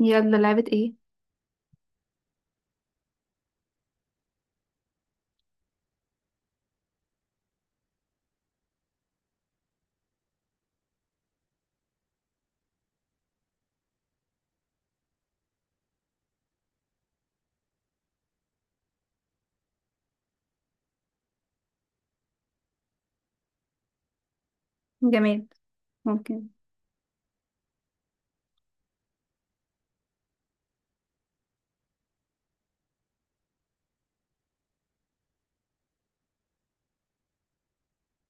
يلا، لعبة ايه؟ جماد. ممكن.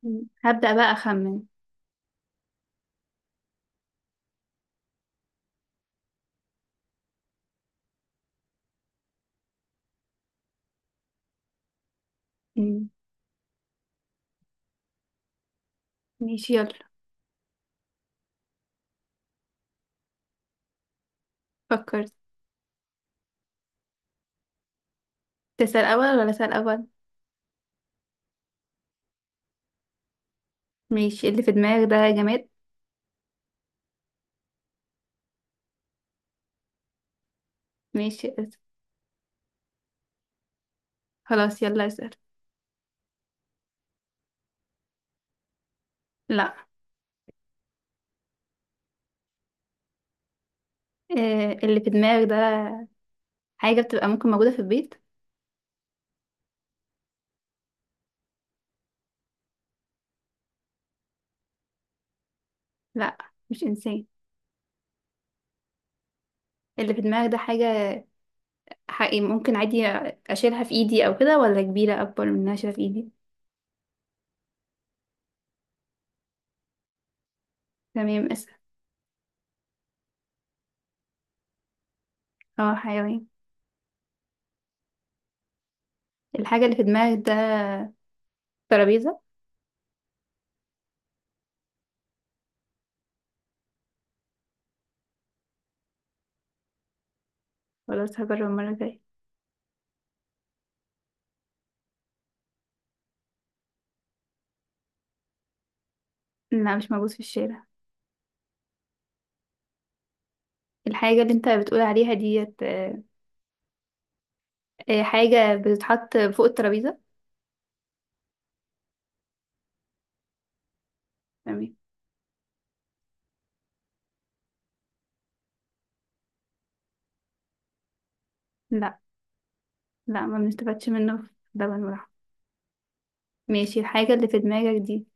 مم. هبدأ بقى أخمن. مم. ماشي، يلا. فكرت. تسأل أول ولا أسأل أول؟ ماشي. اللي في دماغك ده جماد؟ ماشي خلاص، يلا اسأل. لا. اللي في دماغك ده حاجة بتبقى، ممكن موجودة في البيت؟ لا، مش إنسان. اللي في دماغك ده حاجة حقيقي، ممكن عادي؟ أشيلها في إيدي أو كده، ولا كبيرة أكبر من إنها أشيلها في إيدي؟ تمام، اسأل. اه، حيوان. الحاجة اللي في دماغك ده ترابيزة؟ ولا هجرب المرة الجاية. لا، مش موجود في الشارع. الحاجة اللي انت بتقول عليها ديت، حاجة بتتحط فوق الترابيزة؟ تمام. لا، لا، ما بنستفادش منه في لبن ولحم. ماشي. الحاجة اللي في دماغك دي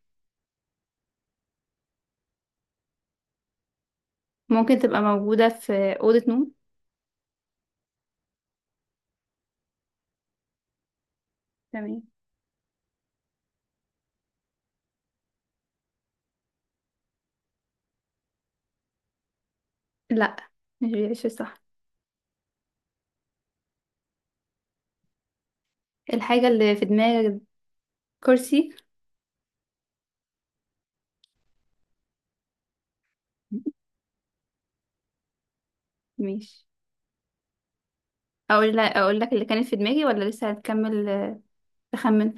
ممكن تبقى موجودة في أوضة نوم؟ تمام. لا، مش بيعيش صح. الحاجة اللي في دماغك دي كرسي؟ ماشي. اقول لك اللي كانت في دماغي، ولا لسه هتكمل؟ تخمن.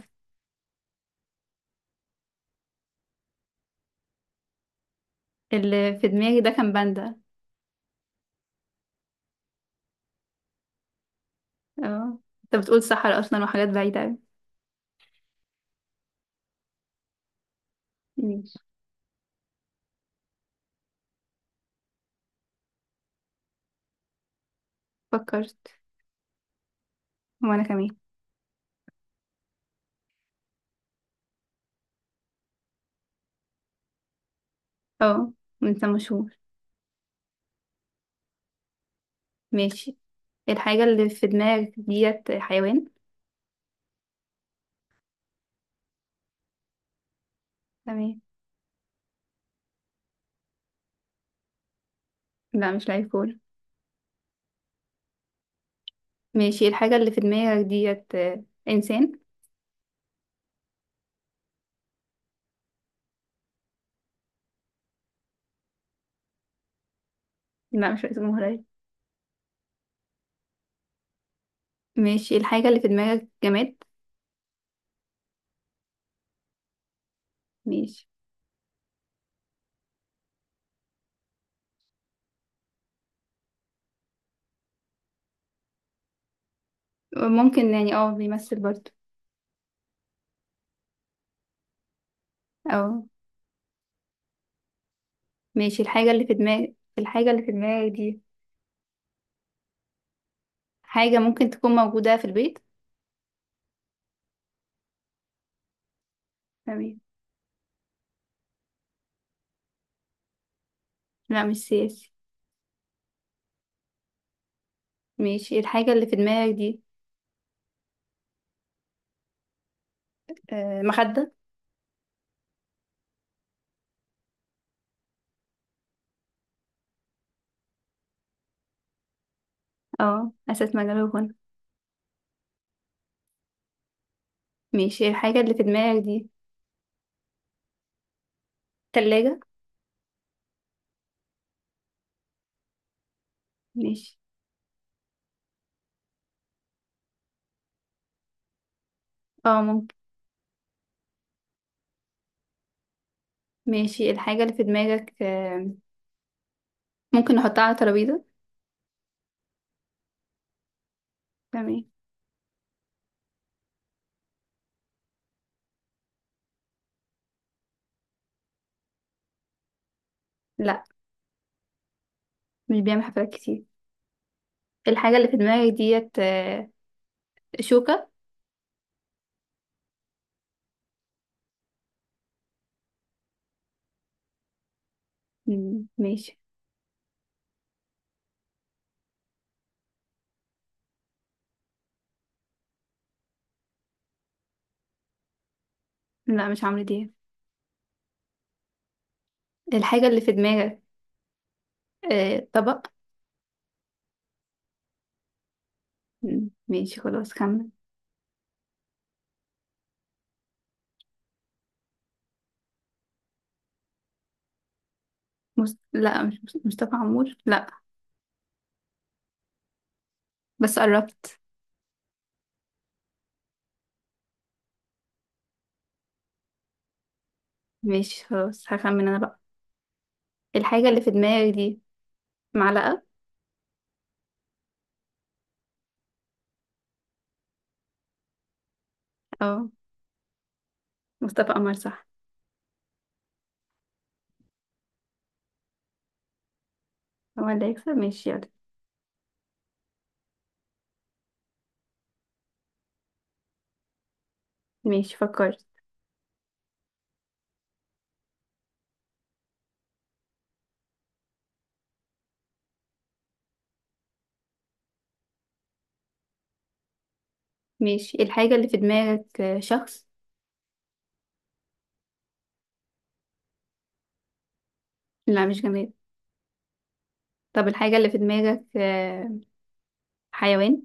اللي في دماغي ده كان باندا. اه، انت بتقول صحراء اصلا وحاجات بعيدة اوي. ماشي. فكرت. وانا كمان. اه، انت مشهور؟ ماشي. الحاجة اللي في دماغك ديت حيوان؟ تمام. لا، مش لعيب كورة. ماشي. الحاجة اللي في دماغك ديت إنسان؟ لا، مش رئيس جمهورية. ماشي. الحاجة اللي في دماغك جماد؟ ماشي. ممكن، يعني بيمثل برضه. أو. ماشي. الحاجة اللي في دماغك دي حاجة ممكن تكون موجودة في البيت؟ تمام. لا، مش سياسي. ماشي. الحاجة اللي في دماغك دي مخدة؟ اه، أساس مجال الغنى؟ ماشي. الحاجة اللي في دماغك دي تلاجة؟ ماشي. اه، ممكن. ماشي. الحاجة اللي في دماغك، ممكن نحطها على ترابيزة؟ تمام. لا، مش بيعمل حفلات كتير. الحاجة اللي في دماغك ديت شوكة؟ مم، ماشي. لا، مش عمرو دياب. الحاجة اللي في دماغك، طبق؟ مم، ماشي، خلاص كمل. لا، مش مصطفى عمور، لا. بس قربت. ماشي، خلاص هخمن انا بقى. الحاجة اللي في دماغك دي معلقة؟ اه، مصطفى قمر، صح. هو اللي هيكسب. ماشي، يلا. ماشي، فكرت. ماشي. الحاجة اللي في دماغك شخص؟ لا، مش جماد. طب، الحاجة اللي في دماغك حيوان؟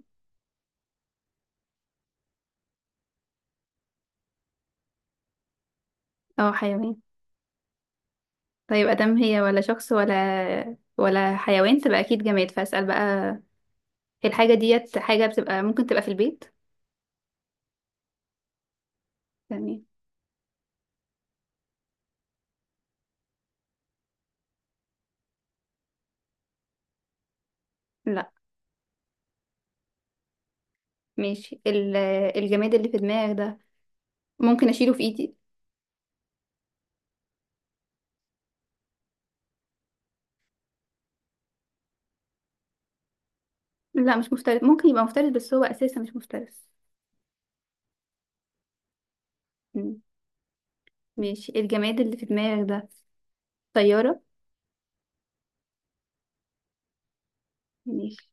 اه، حيوان. طيب، ادام هي ولا شخص ولا حيوان، تبقى اكيد جماد، فاسأل بقى. هي الحاجة ديت حاجة بتبقى، ممكن تبقى في البيت؟ تمام. لا. ماشي. الجماد اللي في دماغك ده ممكن اشيله في ايدي؟ لا، مش مفترس. ممكن يبقى مفترس بس هو اساسا مش مفترس. مم. ماشي. الجماد اللي في دماغك ده طيارة؟ ماشي.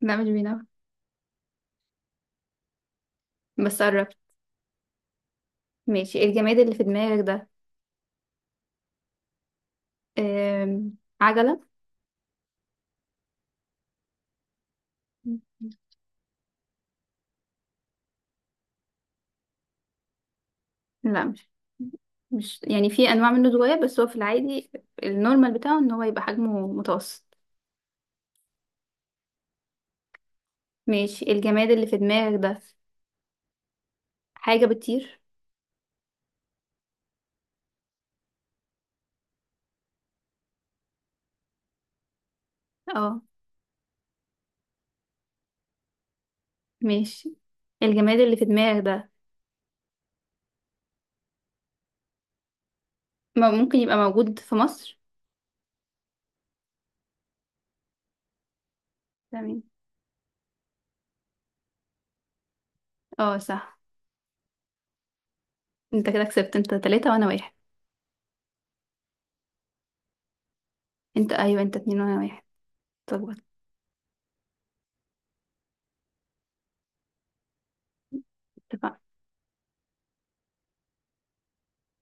لا، مش بينام. بس قربت. ماشي. الجماد اللي في دماغك ده عجلة؟ لا، مش يعني في انواع منه صغير، بس هو في العادي النورمال بتاعه ان هو يبقى حجمه متوسط. ماشي. الجماد اللي في دماغك ده حاجة بتطير؟ اه. ماشي. الجماد اللي في دماغك ده ممكن يبقى موجود في مصر؟ تمام. اه، صح. انت كده كسبت. انت تلاتة وانا واحد. انت، ايوه، انت اتنين وانا واحد. طب. اتفقنا.